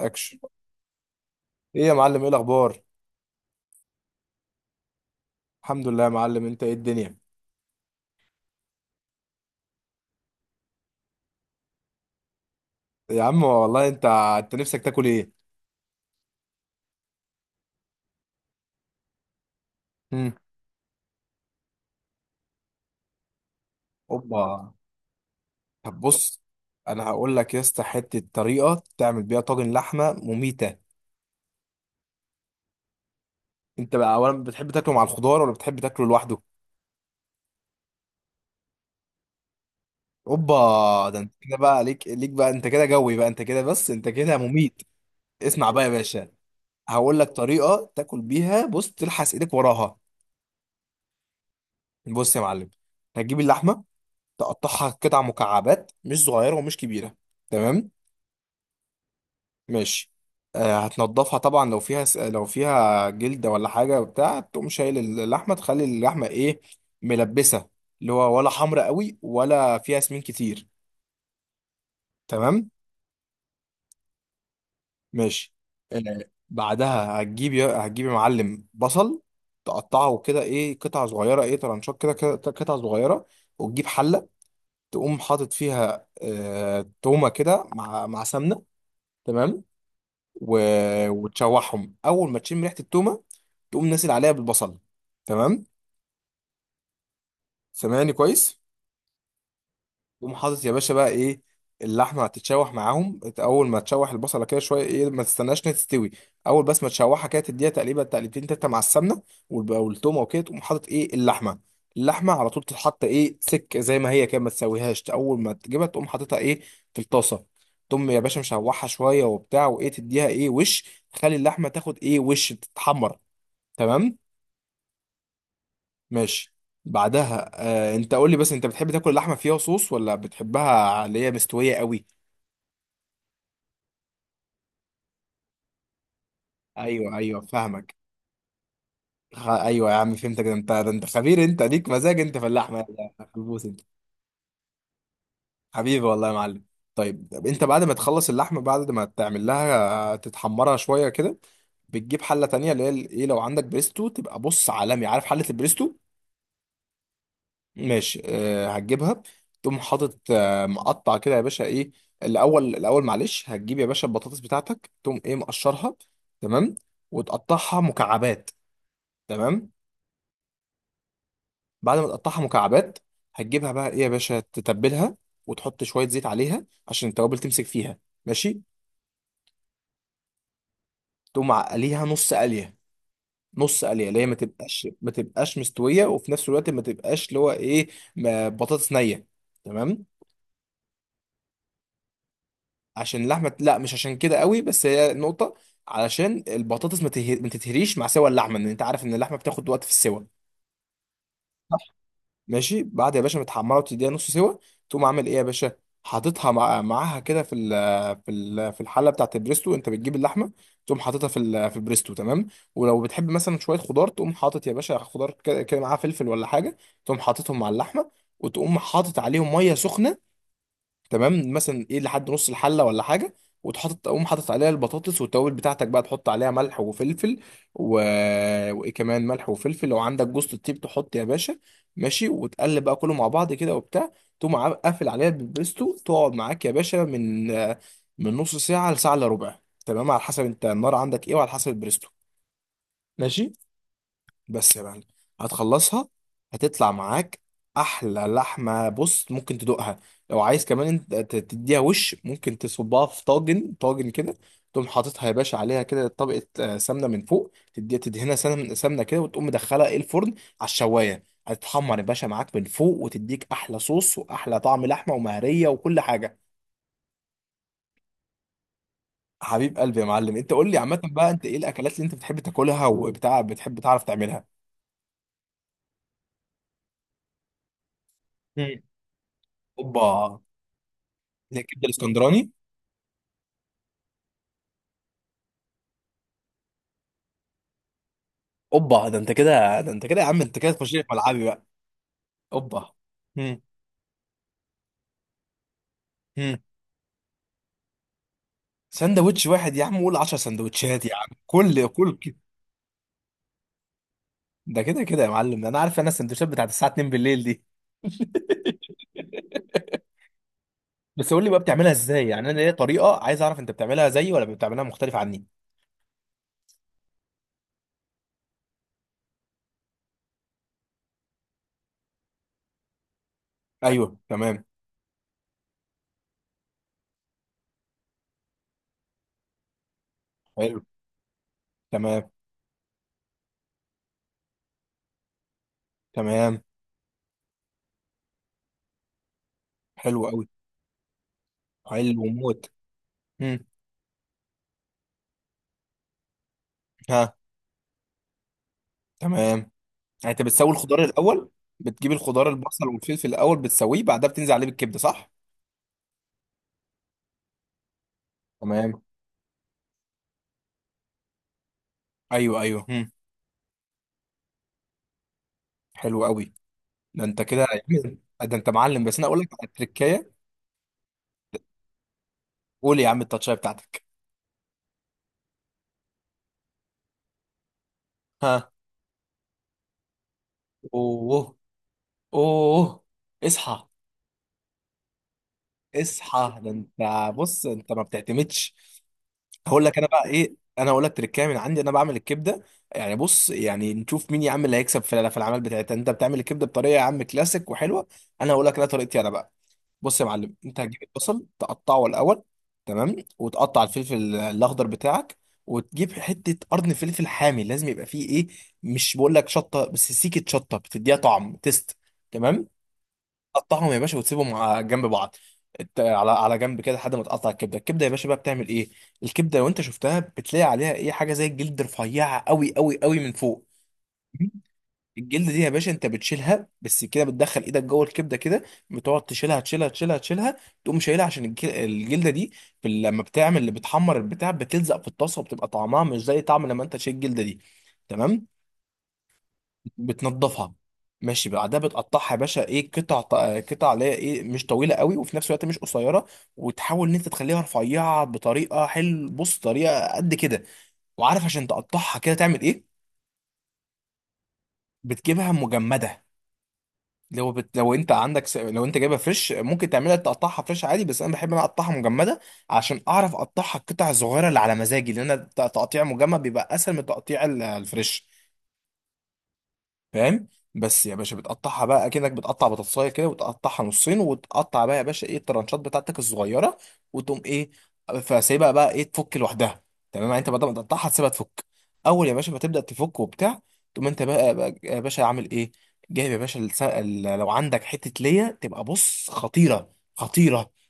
اكشن. ايه يا معلم؟ ايه الاخبار؟ الحمد لله يا معلم، انت ايه الدنيا؟ يا عم والله، انت نفسك تاكل ايه؟ مم. اوبا. طب بص، انا هقول لك يا اسطى حته طريقه تعمل بيها طاجن لحمه مميته. انت بقى اولا بتحب تاكله مع الخضار ولا بتحب تاكله لوحده؟ اوبا، ده انت كده بقى ليك بقى، انت كده جوي بقى، انت كده بس انت كده مميت. اسمع بقى يا باشا، هقول لك طريقه تاكل بيها بص تلحس ايدك وراها. بص يا معلم، هتجيب اللحمه، تقطعها قطع مكعبات مش صغيرة ومش كبيرة. تمام؟ ماشي. آه، هتنضفها طبعا لو فيها لو فيها جلدة ولا حاجة وبتاع، تقوم شايل اللحمة، تخلي اللحمة ايه، ملبسة. اللي هو ولا حمرا قوي ولا فيها سمين كتير. تمام؟ ماشي. آه، بعدها هتجيب هتجيب يا معلم بصل، تقطعه كده ايه قطع صغيرة، ايه طرنشات قطع صغيرة. وتجيب حلة، تقوم حاطط فيها آه تومة كده مع سمنة. تمام. و... وتشوحهم، اول ما تشم ريحه التومه تقوم نازل عليها بالبصل. تمام. سامعني كويس؟ تقوم حاطط يا باشا بقى ايه اللحمه، هتتشوح معاهم اول ما تشوح البصله كده شويه، ايه ما تستناش انها تستوي. اول بس ما تشوحها كده تديها تقريبا تقليبتين تلاته مع السمنه والتومه، وكده تقوم حاطط ايه اللحمه. اللحمه على طول تتحط ايه سك زي ما هي كده، ما تسويهاش، اول ما تجيبها تقوم حاططها ايه في الطاسه. تقوم يا باشا مشوحها شويه وبتاع، وايه تديها ايه وش، تخلي اللحمه تاخد ايه وش تتحمر. تمام؟ ماشي. بعدها آه انت قول لي بس، انت بتحب تاكل اللحمه فيها صوص ولا بتحبها اللي هي مستويه قوي؟ ايوه، ايوه فاهمك. ايوه يا عم فهمتك، ده انت، ده انت خبير، انت ليك مزاج انت في اللحمه يا خلبوس انت. حبيبي والله يا معلم. طيب، طب انت بعد ما تخلص اللحمه، بعد ما تعمل لها تتحمرها شويه كده، بتجيب حله تانية اللي هي ايه، لو عندك بريستو تبقى بص عالمي، عارف حله البريستو؟ ماشي، أه هتجيبها. تقوم حاطط آه، مقطع كده يا باشا ايه. الاول، الاول معلش، هتجيب يا باشا البطاطس بتاعتك تقوم ايه مقشرها. تمام. وتقطعها مكعبات. تمام. بعد ما تقطعها مكعبات، هتجيبها بقى ايه يا باشا تتبلها، وتحط شويه زيت عليها عشان التوابل تمسك فيها. ماشي. تقوم معقليها نص قليه. نص قليه اللي هي ما تبقاش مستويه، وفي نفس الوقت ما تبقاش اللي هو ايه، بطاطس نيه. تمام. عشان اللحمه، لا مش عشان كده قوي، بس هي نقطه، علشان البطاطس ما تتهريش مع سوى اللحمه، ان انت عارف ان اللحمه بتاخد وقت في السوى. ماشي. بعد يا باشا ما تحمرها وتديها نص سوا، تقوم عامل ايه يا باشا، حاططها مع... معاها كده في ال... في ال... في الحله بتاعت البريستو. انت بتجيب اللحمه تقوم حاططها في ال... في البريستو. تمام. ولو بتحب مثلا شويه خضار، تقوم حاطط يا باشا خضار كده كده معاها، فلفل ولا حاجه، تقوم حاططهم مع اللحمه. وتقوم حاطط عليهم ميه سخنه، تمام، مثلا ايه لحد نص الحله ولا حاجه. تقوم حاطط عليها البطاطس والتوابل بتاعتك بقى، تحط عليها ملح وفلفل و... وايه كمان، ملح وفلفل، لو عندك جوز الطيب تحط يا باشا. ماشي. وتقلب بقى كله مع بعض كده وبتاع. تقوم قافل عليها بالبريستو. تقعد معاك يا باشا من من نص ساعه لساعه الا ربع. تمام، على حسب انت النار عندك ايه وعلى حسب البريستو. ماشي. بس يا معلم، هتخلصها، هتطلع معاك احلى لحمه بص ممكن تدوقها. لو عايز كمان انت تديها وش، ممكن تصبها في طاجن، طاجن كده، تقوم حاططها يا باشا عليها كده طبقه آه، سمنه من فوق، تديها تدهنها سمنه كده، وتقوم مدخلها ايه الفرن، على الشوايه هتتحمر يا باشا معاك من فوق، وتديك احلى صوص واحلى طعم لحمه ومهريه وكل حاجه. حبيب قلبي يا معلم. انت قول لي عامه بقى، انت ايه الاكلات اللي انت بتحب تاكلها وبتاع بتحب تعرف تعملها؟ مم. اوبا. الكبده الاسكندراني. اوبا، ده انت كده، ده انت كده يا عم، انت كده تخش لي في ملعبي بقى. اوبا. هم. هم. سندوتش واحد يا عم؟ قول 10 سندوتشات يا عم، كل. ده كده كده يا معلم، انا عارف انا السندوتشات بتاعت الساعه 2 بالليل دي. بس قول لي بقى بتعملها ازاي، يعني انا ليا طريقه، عايز اعرف انت بتعملها زيي ولا بتعملها مختلف عني. ايوه، تمام. حلو. تمام. تمام. حلو قوي. حلو موت. هم. ها. تمام. يعني انت بتسوي الخضار الاول؟ بتجيب الخضار البصل والفلفل الاول بتسويه، بعدها بتنزل عليه بالكبده، صح؟ تمام. ايوه، ايوه. حلو قوي. ده انت كده يعني آه، ده انت معلم، بس انا اقول لك على التركايه. قول يا عم التاتشايه بتاعتك. ها. اوه. اوه. اصحى. اصحى، ده انت بص، انت ما بتعتمدش. هقول لك انا بقى ايه، انا هقول لك تركايه من عندي انا بعمل الكبده. يعني بص، يعني نشوف مين يا عم اللي هيكسب في في الاعمال بتاعتها. انت بتعمل الكبده بطريقه يا عم كلاسيك وحلوه، انا هقول لك انا طريقتي انا بقى. بص يا معلم، انت هتجيب البصل تقطعه الاول. تمام. وتقطع الفلفل الاخضر بتاعك. وتجيب حته قرن فلفل حامي، لازم يبقى فيه ايه، مش بقول لك شطه، بس سيكه شطه بتديها طعم تيست. تمام. تقطعهم يا باشا وتسيبهم على جنب بعض. على جنب كده لحد ما تقطع الكبده. الكبده يا باشا بقى بتعمل ايه، الكبده لو انت شفتها بتلاقي عليها ايه حاجه زي الجلد رفيعه قوي قوي قوي من فوق. الجلد دي يا باشا انت بتشيلها، بس كده بتدخل ايدك جوه الكبده كده، بتقعد تشيلها، تقوم شايلها عشان الجلده دي في لما بتعمل اللي بتحمر البتاع بتلزق في الطاسه، وبتبقى طعمها مش زي طعم لما انت تشيل الجلده دي. تمام. بتنضفها. ماشي. بعدها بتقطعها يا باشا ايه قطع قطع اللي هي ايه مش طويله قوي وفي نفس الوقت مش قصيره. وتحاول ان انت تخليها رفيعه بطريقه حلو، بص طريقه قد كده. وعارف عشان تقطعها كده تعمل ايه؟ بتجيبها مجمده. لو انت جايبها فريش ممكن تعملها تقطعها فريش عادي، بس انا بحب ان انا اقطعها مجمده، عشان اعرف اقطعها القطع الصغيره اللي على مزاجي، لان تقطيع مجمد بيبقى اسهل من تقطيع الفريش. فاهم. بس يا باشا بتقطعها بقى اكنك بتقطع بطاطسايه كده، وتقطعها نصين، وتقطع بقى يا باشا ايه الترانشات بتاعتك الصغيره. وتقوم ايه، فسيبها بقى ايه تفك لوحدها. تمام، يعني انت بدل ما تقطعها تسيبها تفك. اول يا باشا ما تبدا تفك وبتاع، تقوم انت بقى, بقى يا باشا عامل ايه، جايب يا باشا لو عندك حته ليا تبقى بص خطيره خطيره.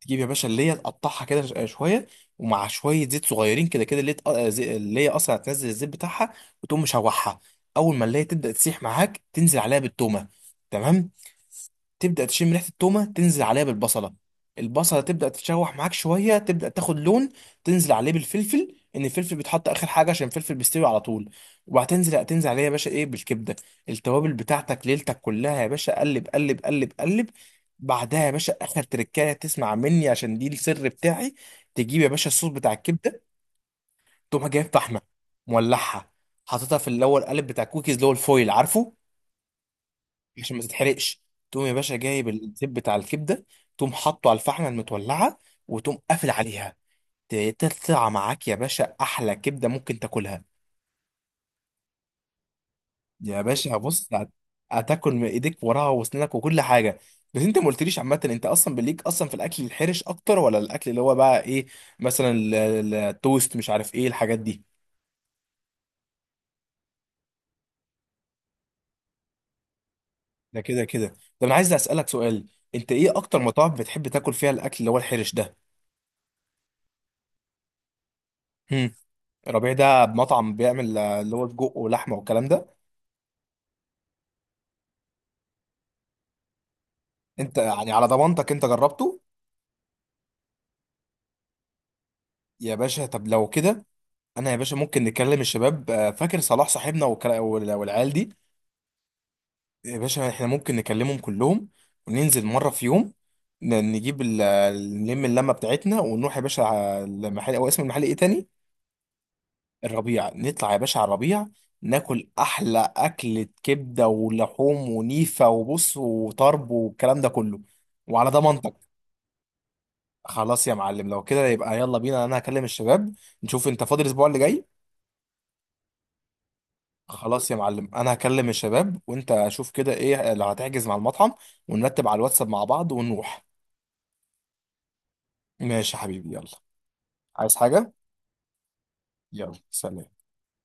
تجيب يا باشا اللي هي تقطعها كده شويه، ومع شويه زيت صغيرين كده كده، اللي هي اصلا هتنزل الزيت بتاعها، وتقوم مشوحها. اول ما اللي هي تبدا تسيح معاك، تنزل عليها بالتومه. تمام. تبدا تشم ريحه التومه، تنزل عليها بالبصله. البصله تبدا تتشوح معاك شويه، تبدا تاخد لون، تنزل عليه بالفلفل، ان الفلفل بيتحط اخر حاجه عشان الفلفل بيستوي على طول. تنزل عليها يا باشا ايه بالكبده، التوابل بتاعتك ليلتك كلها يا باشا، قلب. بعدها يا باشا اخر تركايه تسمع مني، عشان دي السر بتاعي. تجيب يا باشا الصوص بتاع الكبده. تقوم جايب فحمه، مولعها، حاططها في اللي هو القالب بتاع الكوكيز اللي هو الفويل، عارفه؟ عشان ما تتحرقش. تقوم يا باشا جايب الزيت بتاع الكبده، تقوم حاطه على الفحمه المتولعه، وتقوم قافل عليها. تطلع معاك يا باشا احلى كبده ممكن تاكلها. يا باشا بص هتاكل من ايديك وراها وسنانك وكل حاجه. بس انت ما قلتليش عامه، انت اصلا بليك اصلا في الاكل الحرش اكتر، ولا الاكل اللي هو بقى ايه، مثلا التوست، مش عارف ايه الحاجات دي. ده كده كده. طب انا عايز اسالك سؤال، انت ايه اكتر مطاعم بتحب تاكل فيها الاكل اللي هو الحرش ده؟ هم. ربيع ده مطعم بيعمل آه، اللي هو سجق ولحمه والكلام ده. انت يعني على ضمانتك انت جربته؟ يا باشا طب لو كده، انا يا باشا ممكن نكلم الشباب آه، فاكر صلاح صاحبنا والعيال دي. يا باشا احنا ممكن نكلمهم كلهم، وننزل مرة في يوم، نجيب نلم اللمة بتاعتنا، ونروح يا باشا على المحل. او اسم المحل ايه تاني؟ الربيع. نطلع يا باشا على الربيع، ناكل احلى اكلة كبدة ولحوم ونيفة وبص وطرب والكلام ده كله. وعلى ضمانتك. خلاص يا معلم، لو كده يبقى يلا بينا، انا هكلم الشباب، نشوف انت فاضي الاسبوع اللي جاي. خلاص يا معلم، انا هكلم الشباب، وانت شوف كده ايه لو هتحجز مع المطعم، ونرتب على الواتساب مع بعض، ونروح. ماشي يا حبيبي، يلا. عايز حاجة؟ يلا، سلام.